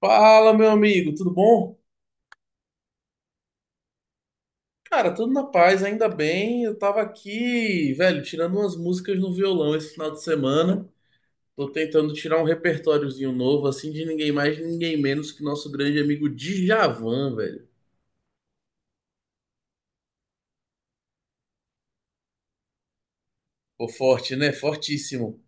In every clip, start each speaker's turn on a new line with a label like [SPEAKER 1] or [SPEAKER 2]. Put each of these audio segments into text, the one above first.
[SPEAKER 1] Fala, meu amigo, tudo bom? Cara, tudo na paz, ainda bem. Eu tava aqui, velho, tirando umas músicas no violão esse final de semana. Tô tentando tirar um repertóriozinho novo, assim, de ninguém mais, ninguém menos que nosso grande amigo Djavan, velho. Pô, forte, né? Fortíssimo.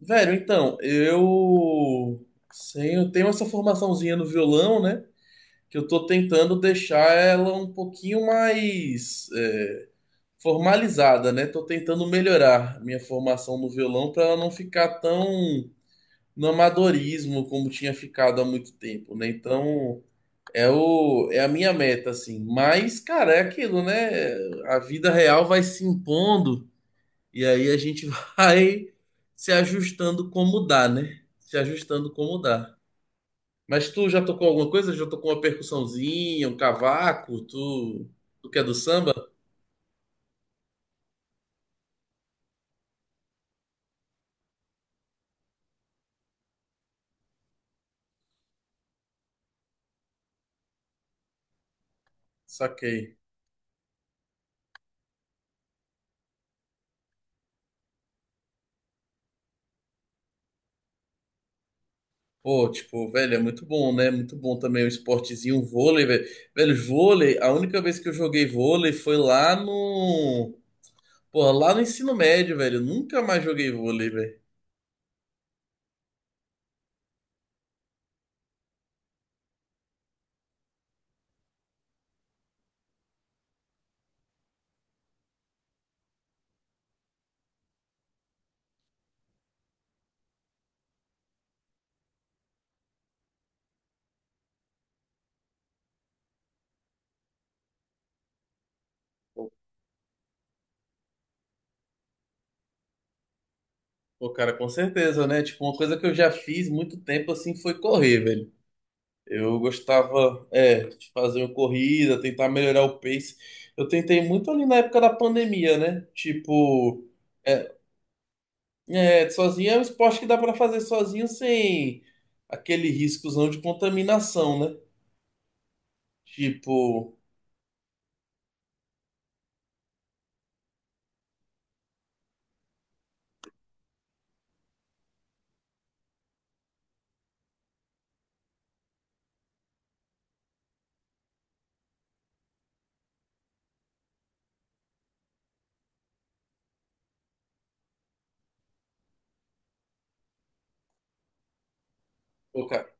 [SPEAKER 1] Velho, então, eu, sim, eu tenho essa formaçãozinha no violão, né? Que eu tô tentando deixar ela um pouquinho mais. Formalizada, né? Tô tentando melhorar minha formação no violão para ela não ficar tão no amadorismo como tinha ficado há muito tempo, né? Então, é o é a minha meta assim. Mas, cara, é aquilo, né? A vida real vai se impondo e aí a gente vai se ajustando como dá, né? Se ajustando como dá. Mas tu já tocou alguma coisa? Já tocou uma percussãozinha, um cavaco? Tu que é do samba? Saquei. Pô, tipo, velho, é muito bom, né? Muito bom também o esportezinho, o vôlei, velho. Velho, vôlei, a única vez que eu joguei vôlei foi lá no. Pô, lá no ensino médio, velho. Eu nunca mais joguei vôlei, velho. Pô, cara, com certeza, né? Tipo, uma coisa que eu já fiz muito tempo assim foi correr, velho. Eu gostava, é, de fazer uma corrida, tentar melhorar o pace. Eu tentei muito ali na época da pandemia, né? Tipo. É, É, sozinho é um esporte que dá pra fazer sozinho sem aquele riscozão de contaminação, né? Tipo, pô, cara,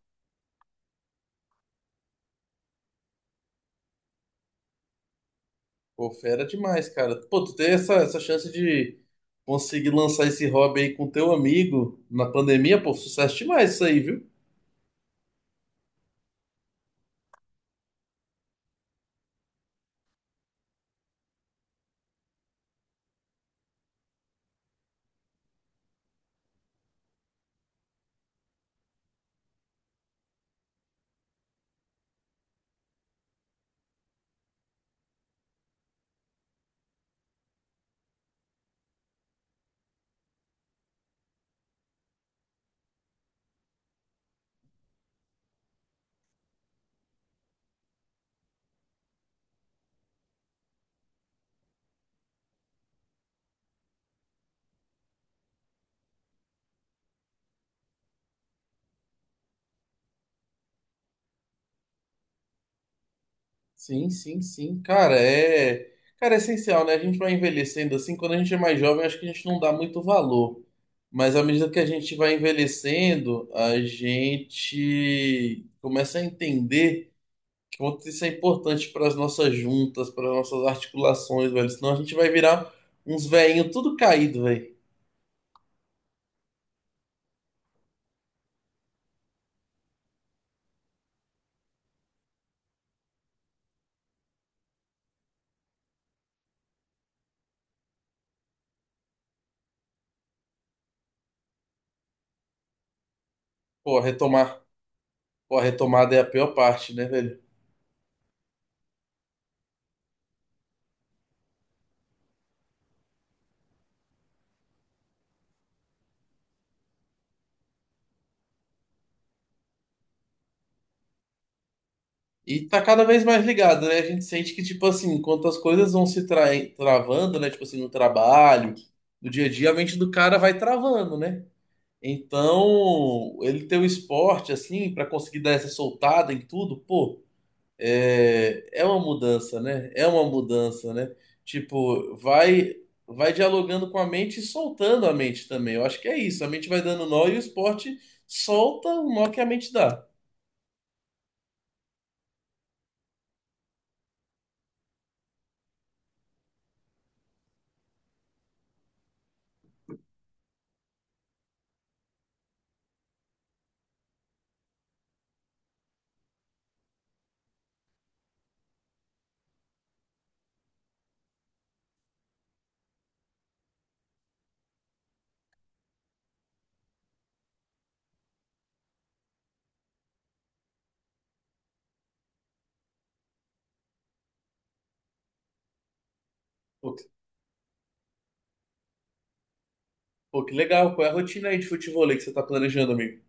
[SPEAKER 1] pô, fera demais, cara. Pô, tu ter essa chance de conseguir lançar esse hobby aí com teu amigo na pandemia, pô, sucesso demais isso aí, viu? Sim, sim, sim. Cara, é. Cara, é essencial, né? A gente vai envelhecendo assim. Quando a gente é mais jovem, acho que a gente não dá muito valor. Mas à medida que a gente vai envelhecendo, a gente começa a entender quanto isso é importante para as nossas juntas, para as nossas articulações, velho. Senão a gente vai virar uns velhinhos tudo caído, velho. Pô, retomar. Pô, a retomada é a pior parte, né, velho? E tá cada vez mais ligado, né? A gente sente que, tipo assim, enquanto as coisas vão se travando, né? Tipo assim, no trabalho, no dia a dia, a mente do cara vai travando, né? Então, ele ter o esporte, assim, para conseguir dar essa soltada em tudo, pô, é, é uma mudança, né? É uma mudança, né? Tipo, vai dialogando com a mente e soltando a mente também. Eu acho que é isso. A mente vai dando nó e o esporte solta o nó que a mente dá. Pô, que pô, que legal. Qual é a rotina aí de futevôlei que você tá planejando, amigo?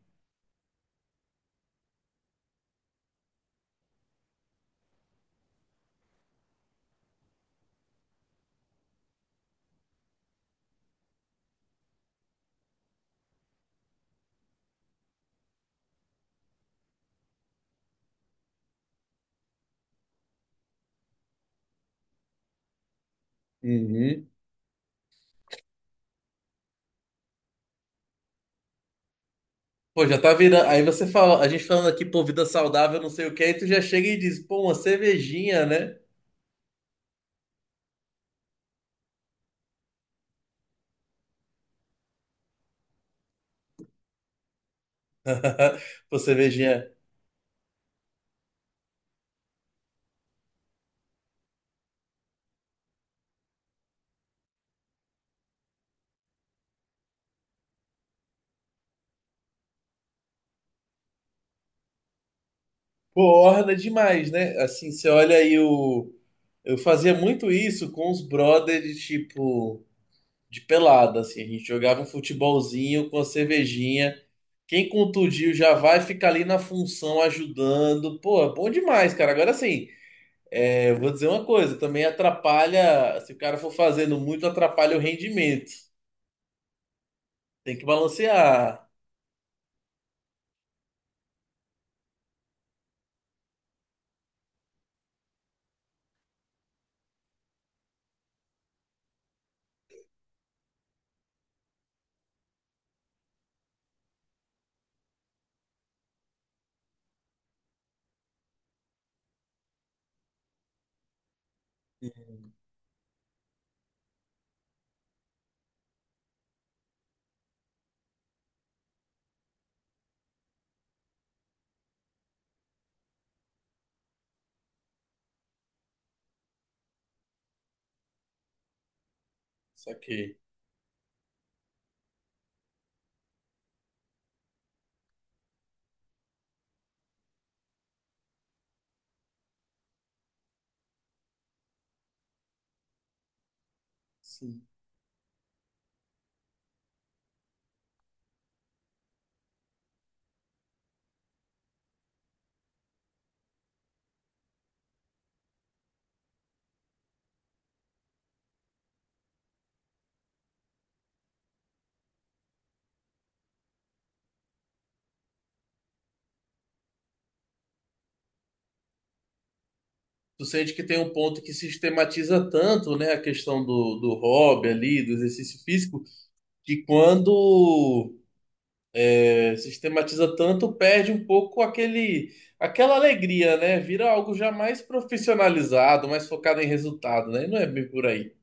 [SPEAKER 1] Uhum. Pô, já tá virando. Aí você fala, a gente falando aqui, pô, vida saudável, não sei o que, aí tu já chega e diz, pô, uma cervejinha, né? Pô, cervejinha. Pô, orna demais, né? Assim, você olha aí o. Eu fazia muito isso com os brothers de tipo de pelada, assim. A gente jogava um futebolzinho com a cervejinha. Quem contundiu já vai ficar ali na função ajudando. Pô, é bom demais, cara. Agora sim, é, eu vou dizer uma coisa, também atrapalha, se o cara for fazendo muito, atrapalha o rendimento. Tem que balancear. Hum, saquei. Sim. Tu sente que tem um ponto que sistematiza tanto, né, a questão do hobby ali, do exercício físico, que quando é, sistematiza tanto, perde um pouco aquele, aquela alegria, né? Vira algo já mais profissionalizado, mais focado em resultado, né? Não é bem por aí.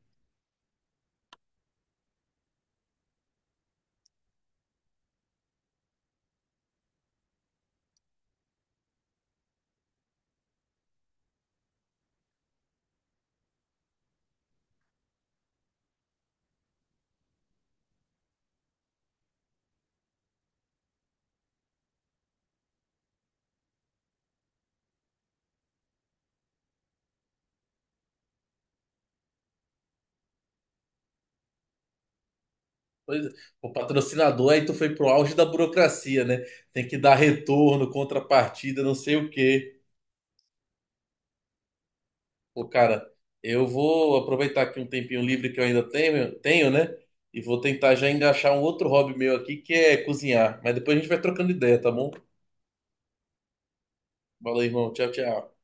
[SPEAKER 1] Pois é, o patrocinador, aí tu foi pro auge da burocracia, né? Tem que dar retorno, contrapartida, não sei o quê. Pô, cara, eu vou aproveitar aqui um tempinho livre que eu ainda tenho, né? E vou tentar já engaixar um outro hobby meu aqui, que é cozinhar. Mas depois a gente vai trocando ideia, tá bom? Valeu, irmão. Tchau, tchau.